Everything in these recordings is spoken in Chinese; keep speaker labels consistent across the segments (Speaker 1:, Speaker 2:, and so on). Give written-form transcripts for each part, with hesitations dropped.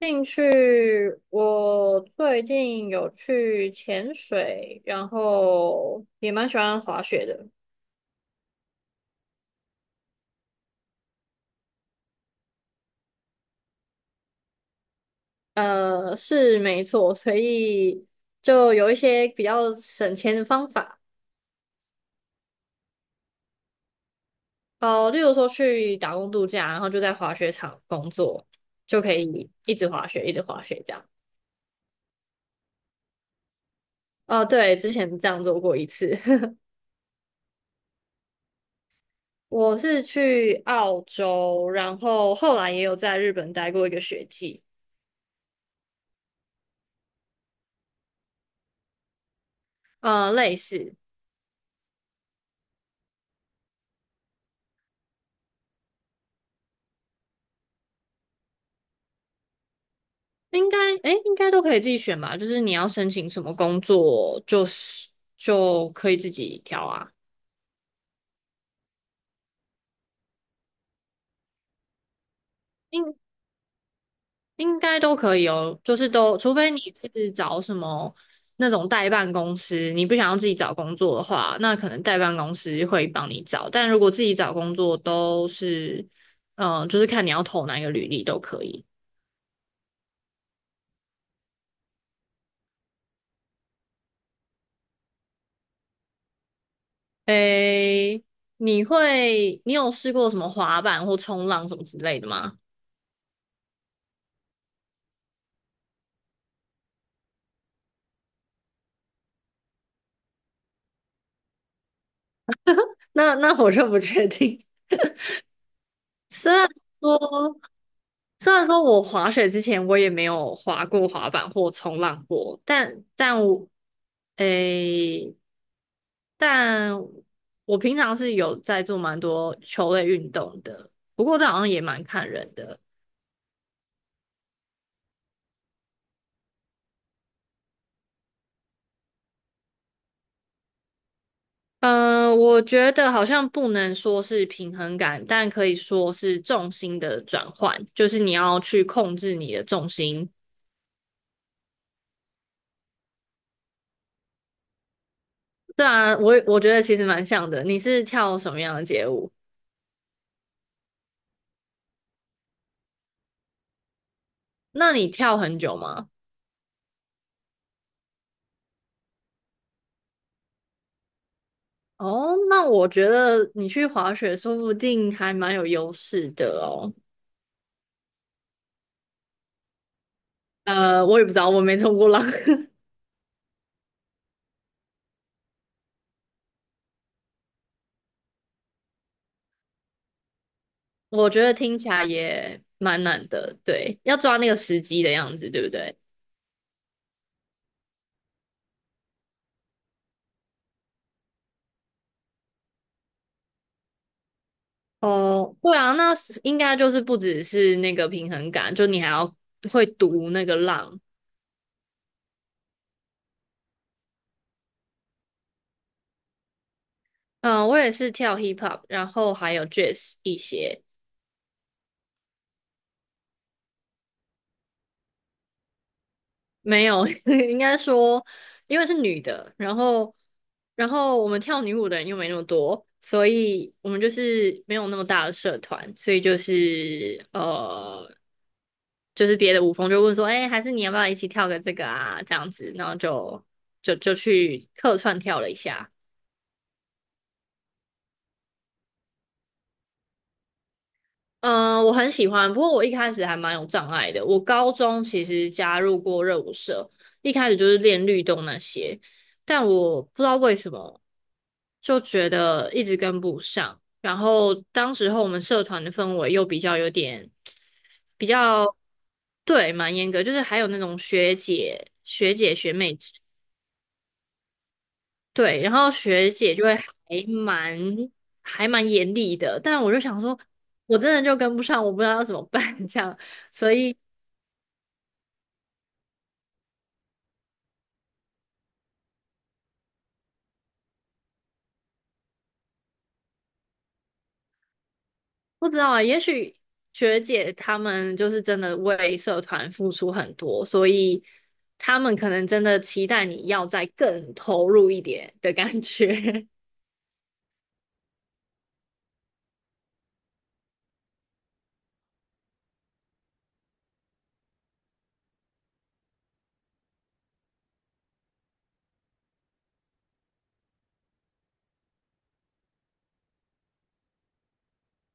Speaker 1: 兴趣，我最近有去潜水，然后也蛮喜欢滑雪的。是没错，所以就有一些比较省钱的方法。例如说去打工度假，然后就在滑雪场工作，就可以一直滑雪，一直滑雪这样。对，之前这样做过一次。我是去澳洲，然后后来也有在日本待过一个学季。类似。应该，哎，应该都可以自己选吧。就是你要申请什么工作，就是就可以自己挑啊。应应该都可以哦，就是都，除非你是找什么那种代办公司，你不想要自己找工作的话，那可能代办公司会帮你找。但如果自己找工作，都是，就是看你要投哪一个履历都可以。诶，你有试过什么滑板或冲浪什么之类的吗？那我就不确定，虽然说，虽然说我滑雪之前我也没有滑过滑板或冲浪过，但我，诶，但我平常是有在做蛮多球类运动的，不过这好像也蛮看人的。我觉得好像不能说是平衡感，但可以说是重心的转换，就是你要去控制你的重心。对啊，我觉得其实蛮像的。你是跳什么样的街舞？那你跳很久吗？哦，那我觉得你去滑雪说不定还蛮有优势的哦。我也不知道，我没冲过浪。我觉得听起来也蛮难的。对，要抓那个时机的样子，对不对？哦，对啊，那是应该就是不只是那个平衡感，就你还要会读那个浪。嗯、我也是跳 hip hop，然后还有 jazz 一些。没有，应该说，因为是女的，然后，然后我们跳女舞的人又没那么多，所以我们就是没有那么大的社团，所以就是就是别的舞风就问说，哎、还是你要不要一起跳个这个啊？这样子，然后就去客串跳了一下。嗯，我很喜欢，不过我一开始还蛮有障碍的。我高中其实加入过热舞社，一开始就是练律动那些，但我不知道为什么就觉得一直跟不上。然后当时候我们社团的氛围又比较有点比较对，蛮严格，就是还有那种学姐、学妹制对，然后学姐就会还蛮严厉的，但我就想说，我真的就跟不上，我不知道要怎么办 这样，所以不知道啊，也许学姐她们就是真的为社团付出很多，所以他们可能真的期待你要再更投入一点的感觉。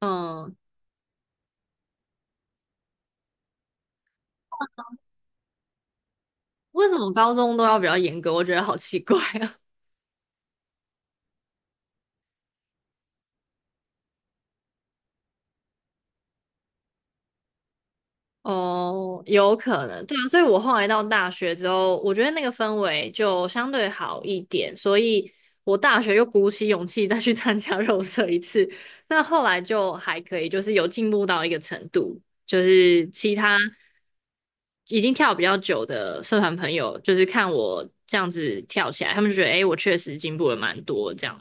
Speaker 1: 嗯，为什么高中都要比较严格？我觉得好奇怪啊。哦，有可能，对啊，所以我后来到大学之后，我觉得那个氛围就相对好一点，所以我大学又鼓起勇气再去参加 肉色一次，那后来就还可以，就是有进步到一个程度，就是其他已经跳比较久的社团朋友，就是看我这样子跳起来，他们就觉得诶，我确实进步了蛮多这样。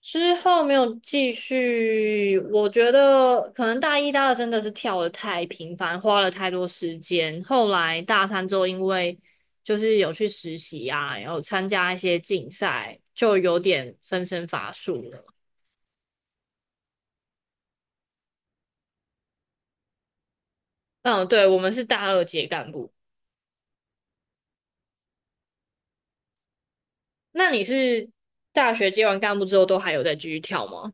Speaker 1: 之后没有继续，我觉得可能大一、大二真的是跳的太频繁，花了太多时间。后来大三之后，因为就是有去实习啊，然后参加一些竞赛，就有点分身乏术了。嗯，对，我们是大二接干部。那你是大学接完干部之后，都还有在继续跳吗？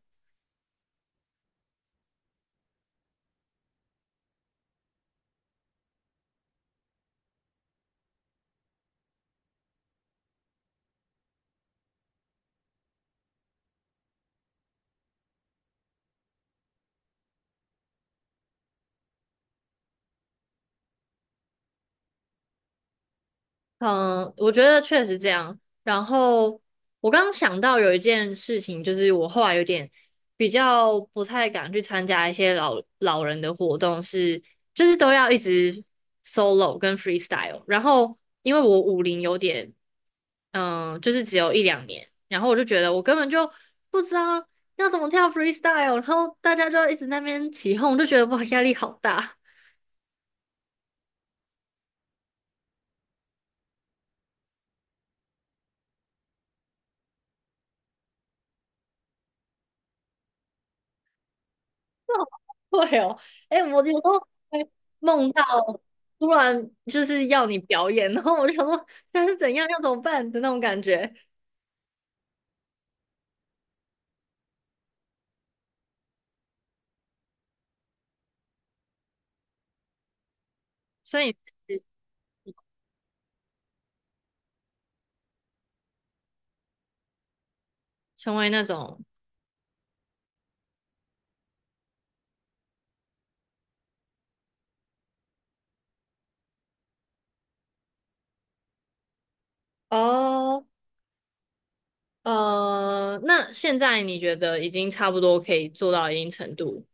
Speaker 1: 嗯，我觉得确实这样。然后我刚刚想到有一件事情，就是我后来有点比较不太敢去参加一些老老人的活动是，就是都要一直 solo 跟 freestyle。然后因为我舞龄有点，嗯，就是只有一两年，然后我就觉得我根本就不知道要怎么跳 freestyle,然后大家就一直在那边起哄，就觉得哇压力好大。会哦，哎、我有时候会梦到突然就是要你表演，然后我就想说现在是怎样，要怎么办的那种感觉。所以是成为那种哦。那现在你觉得已经差不多可以做到一定程度？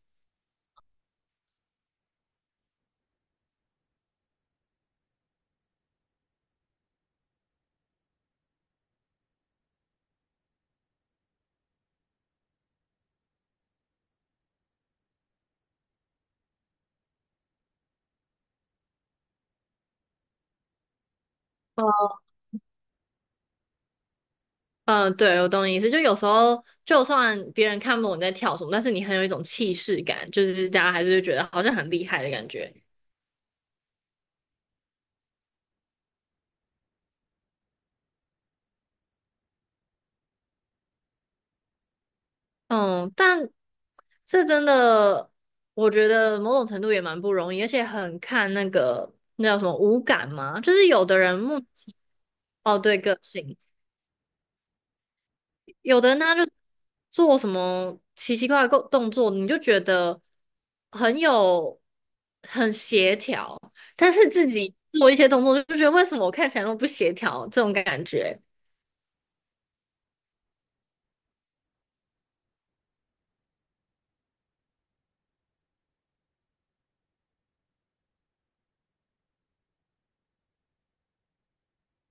Speaker 1: 对，我懂你意思。就有时候，就算别人看不懂你在跳什么，但是你很有一种气势感，就是大家还是会觉得好像很厉害的感觉。嗯，但这真的，我觉得某种程度也蛮不容易，而且很看那个那叫什么五感嘛，就是有的人目哦对个性，有的人他就做什么奇奇怪怪的动作，你就觉得很有很协调，但是自己做一些动作就觉得为什么我看起来那么不协调这种感觉，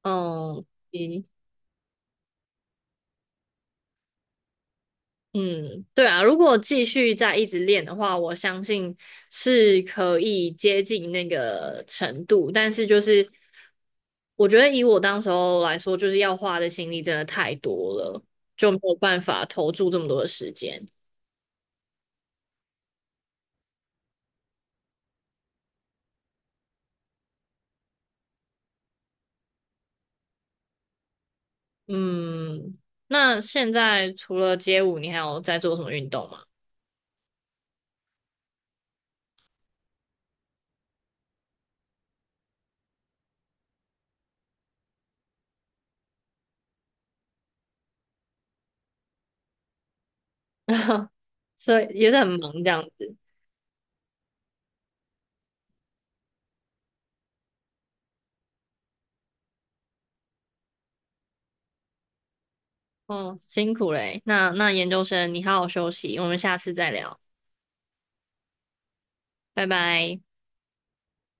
Speaker 1: 嗯。嗯，对啊，如果继续再一直练的话，我相信是可以接近那个程度。但是就是，我觉得以我当时候来说，就是要花的心力真的太多了，就没有办法投注这么多的时间。嗯，那现在除了街舞，你还有在做什么运动吗？所以也是很忙这样子。哦，辛苦嘞。那研究生，你好好休息，我们下次再聊，拜拜。